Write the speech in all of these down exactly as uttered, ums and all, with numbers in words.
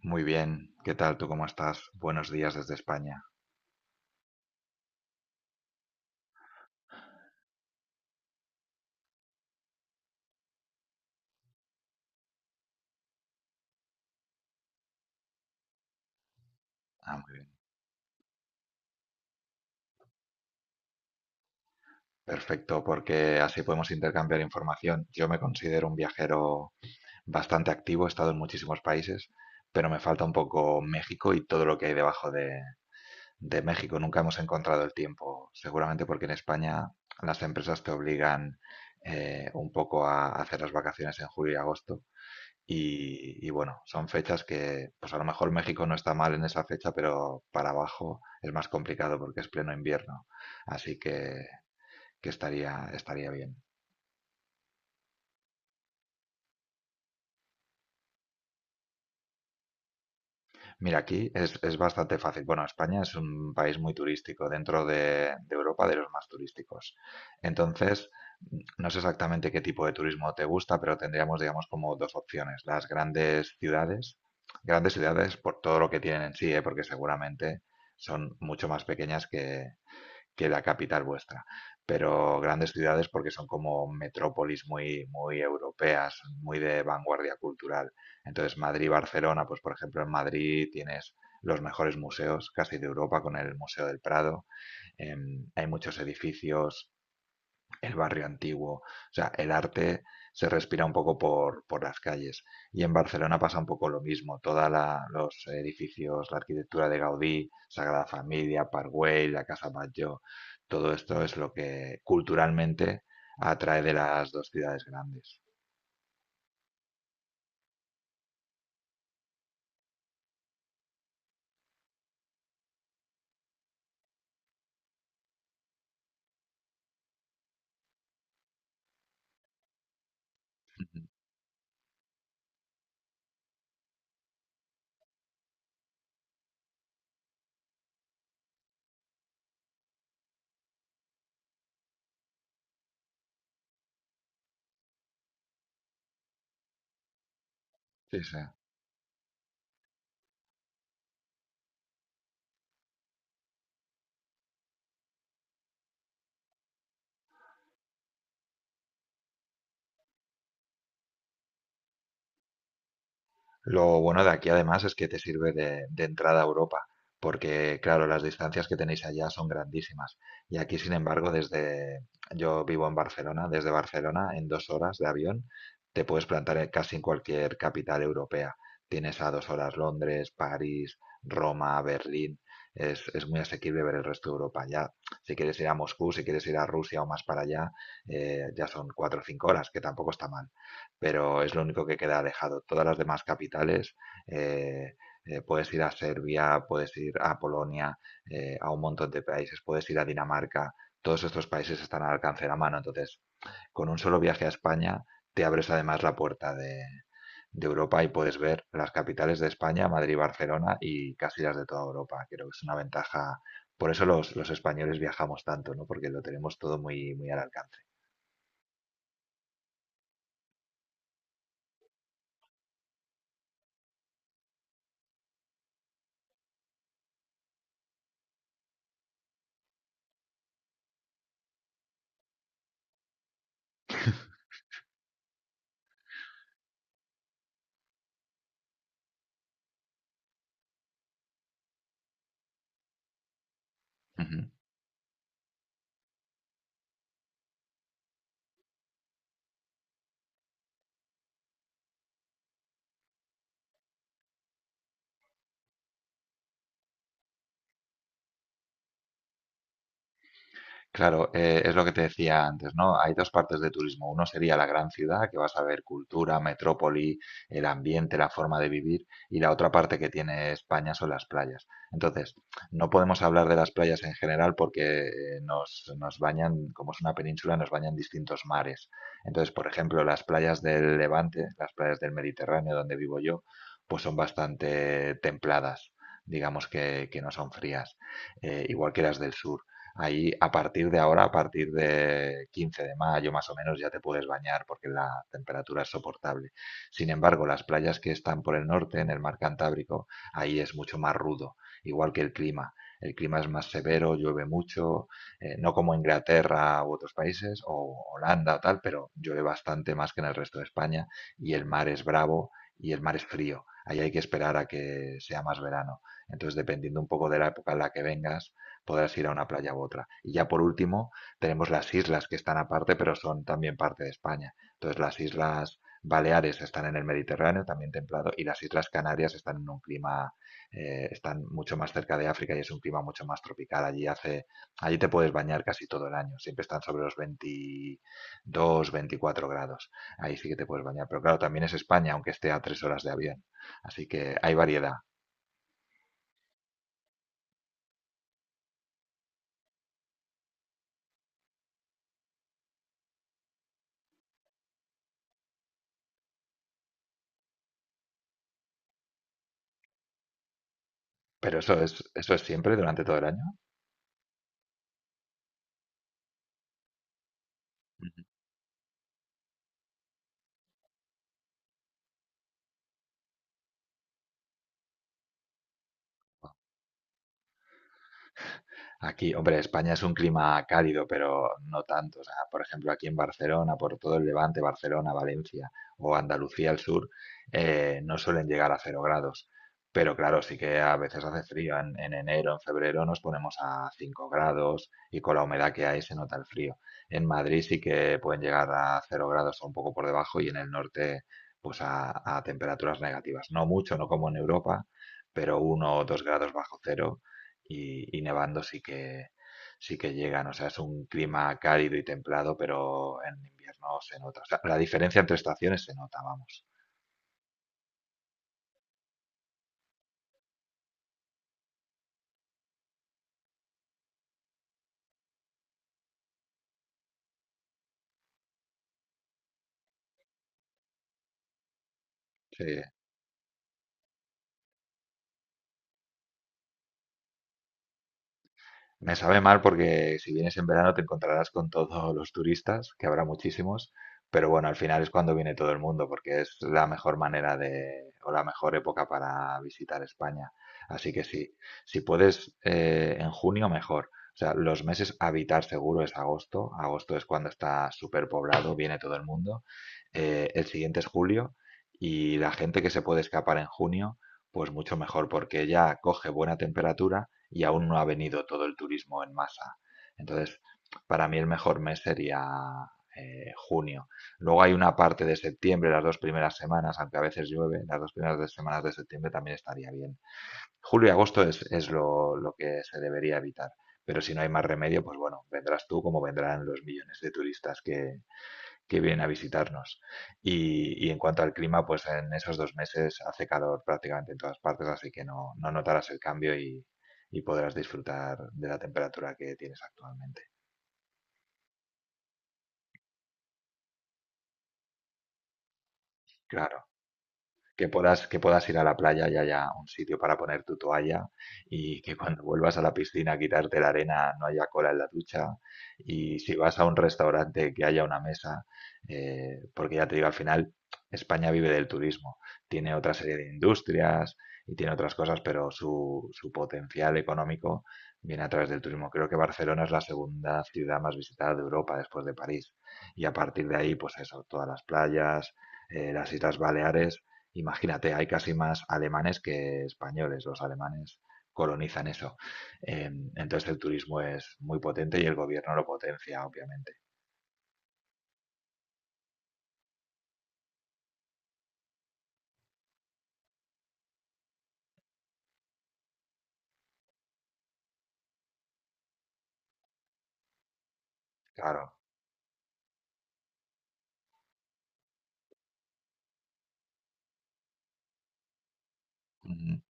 Muy bien, ¿qué tal? ¿Tú cómo estás? Buenos días desde España. Ah, muy bien. Perfecto, porque así podemos intercambiar información. Yo me considero un viajero bastante activo, he estado en muchísimos países, pero me falta un poco México y todo lo que hay debajo de, de México. Nunca hemos encontrado el tiempo, seguramente porque en España las empresas te obligan eh, un poco a hacer las vacaciones en julio y agosto. Y, y bueno, son fechas que, pues a lo mejor México no está mal en esa fecha, pero para abajo es más complicado porque es pleno invierno. Así que, que estaría, estaría bien. Mira, aquí es, es bastante fácil. Bueno, España es un país muy turístico, dentro de, de Europa, de los más turísticos. Entonces, no sé exactamente qué tipo de turismo te gusta, pero tendríamos, digamos, como dos opciones. Las grandes ciudades, grandes ciudades por todo lo que tienen en sí, ¿eh? Porque seguramente son mucho más pequeñas que, que la capital vuestra. Pero grandes ciudades porque son como metrópolis muy, muy europeas, muy de vanguardia cultural. Entonces, Madrid y Barcelona. Pues por ejemplo, en Madrid tienes los mejores museos casi de Europa, con el Museo del Prado. Em, hay muchos edificios, el barrio antiguo, o sea, el arte se respira un poco por, por las calles. Y en Barcelona pasa un poco lo mismo, toda la, los edificios, la arquitectura de Gaudí, Sagrada Familia, Park Güell, la Casa Batlló, todo esto es lo que culturalmente atrae de las dos ciudades grandes. Ujú. Sí, sí. Lo bueno de aquí, además, es que te sirve de, de entrada a Europa, porque claro, las distancias que tenéis allá son grandísimas. Y aquí, sin embargo, desde yo vivo en Barcelona. Desde Barcelona, en dos horas de avión, te puedes plantar en- casi en cualquier capital europea. Tienes a dos horas Londres, París, Roma, Berlín. Es, es muy asequible ver el resto de Europa. Ya, si quieres ir a Moscú, si quieres ir a Rusia o más para allá, eh, ya son cuatro o cinco horas, que tampoco está mal, pero es lo único que queda alejado. Todas las demás capitales, eh, eh, puedes ir a Serbia, puedes ir a Polonia, eh, a un montón de países, puedes ir a Dinamarca, todos estos países están al alcance de la mano. Entonces, con un solo viaje a España, te abres además la puerta de, de Europa, y puedes ver las capitales de España, Madrid, Barcelona, y casi las de toda Europa. Creo que es una ventaja. Por eso los, los españoles viajamos tanto, ¿no? Porque lo tenemos todo muy, muy al alcance. Ujú. Claro, eh, es lo que te decía antes, ¿no? Hay dos partes de turismo. Uno sería la gran ciudad, que vas a ver cultura, metrópoli, el ambiente, la forma de vivir, y la otra parte que tiene España son las playas. Entonces, no podemos hablar de las playas en general, porque eh, nos, nos bañan, como es una península, nos bañan distintos mares. Entonces, por ejemplo, las playas del Levante, las playas del Mediterráneo, donde vivo yo, pues son bastante templadas, digamos que, que no son frías, eh, igual que las del sur, ahí a partir de ahora, a partir de quince de mayo más o menos, ya te puedes bañar porque la temperatura es soportable. Sin embargo, las playas que están por el norte, en el mar Cantábrico, ahí es mucho más rudo, igual que el clima. El clima es más severo, llueve mucho, eh, no como Inglaterra u otros países, o Holanda o tal, pero llueve bastante más que en el resto de España, y el mar es bravo y el mar es frío. Ahí hay que esperar a que sea más verano. Entonces, dependiendo un poco de la época en la que vengas, podrás ir a una playa u otra. Y ya por último, tenemos las islas, que están aparte, pero son también parte de España. Entonces, las islas Baleares están en el Mediterráneo, también templado, y las islas Canarias están en un clima, eh, están mucho más cerca de África y es un clima mucho más tropical. Allí hace, allí te puedes bañar casi todo el año, siempre están sobre los veintidós, veinticuatro grados. Ahí sí que te puedes bañar, pero claro, también es España, aunque esté a tres horas de avión. Así que hay variedad. Pero eso es, eso es siempre durante todo el año. Aquí, hombre, España es un clima cálido, pero no tanto. O sea, por ejemplo, aquí en Barcelona, por todo el Levante, Barcelona, Valencia o Andalucía al sur, eh, no suelen llegar a cero grados. Pero claro, sí que a veces hace frío. En, en enero, en febrero nos ponemos a cinco grados y con la humedad que hay se nota el frío. En Madrid sí que pueden llegar a cero grados o un poco por debajo, y en el norte, pues a, a temperaturas negativas. No mucho, no como en Europa, pero uno o dos grados bajo cero y, y nevando sí que, sí que llegan. O sea, es un clima cálido y templado, pero en invierno se nota. O sea, la diferencia entre estaciones se nota, vamos. Sí. Me sabe mal porque si vienes en verano te encontrarás con todos los turistas, que habrá muchísimos, pero bueno, al final es cuando viene todo el mundo, porque es la mejor manera de, o la mejor época para visitar España. Así que sí, si puedes eh, en junio, mejor. O sea, los meses a evitar seguro es agosto. Agosto es cuando está súper poblado, viene todo el mundo. Eh, el siguiente es julio, y la gente que se puede escapar en junio, pues mucho mejor, porque ya coge buena temperatura y aún no ha venido todo el turismo en masa. Entonces, para mí el mejor mes sería eh, junio. Luego hay una parte de septiembre, las dos primeras semanas, aunque a veces llueve, las dos primeras semanas de septiembre también estaría bien. Julio y agosto es, es lo, lo que se debería evitar. Pero si no hay más remedio, pues bueno, vendrás tú como vendrán los millones de turistas que, que vienen a visitarnos. Y, y en cuanto al clima, pues en esos dos meses hace calor prácticamente en todas partes, así que no, no notarás el cambio y, y podrás disfrutar de la temperatura que tienes actualmente. Claro. que puedas, que puedas ir a la playa y haya un sitio para poner tu toalla, y que cuando vuelvas a la piscina a quitarte la arena no haya cola en la ducha, y si vas a un restaurante que haya una mesa, eh, porque ya te digo, al final España vive del turismo, tiene otra serie de industrias y tiene otras cosas, pero su, su potencial económico viene a través del turismo. Creo que Barcelona es la segunda ciudad más visitada de Europa después de París. Y a partir de ahí, pues eso, todas las playas, eh, las Islas Baleares. Imagínate, hay casi más alemanes que españoles. Los alemanes colonizan eso. Eh, entonces el turismo es muy potente y el gobierno lo potencia, obviamente. Claro. Ujú.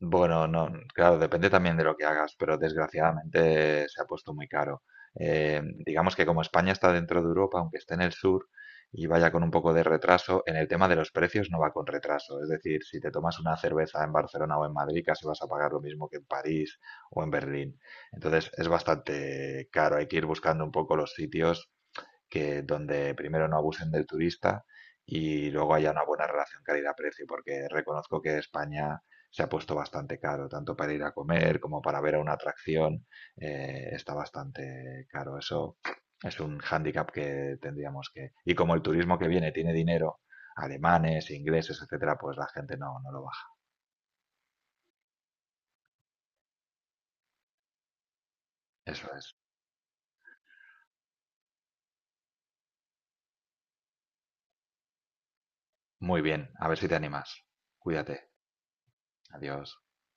Bueno, no, claro, depende también de lo que hagas, pero desgraciadamente se ha puesto muy caro. Eh, digamos que como España está dentro de Europa, aunque esté en el sur y vaya con un poco de retraso, en el tema de los precios no va con retraso. Es decir, si te tomas una cerveza en Barcelona o en Madrid, casi vas a pagar lo mismo que en París o en Berlín. Entonces es bastante caro, hay que ir buscando un poco los sitios que donde primero no abusen del turista, y luego haya una buena relación calidad-precio, porque reconozco que España se ha puesto bastante caro, tanto para ir a comer como para ver a una atracción, eh, está bastante caro. Eso es un hándicap que tendríamos que... Y como el turismo que viene tiene dinero, alemanes, ingleses, etcétera, pues la gente no, no lo baja. Eso es. Muy bien, a ver si te animas. Cuídate. Adiós.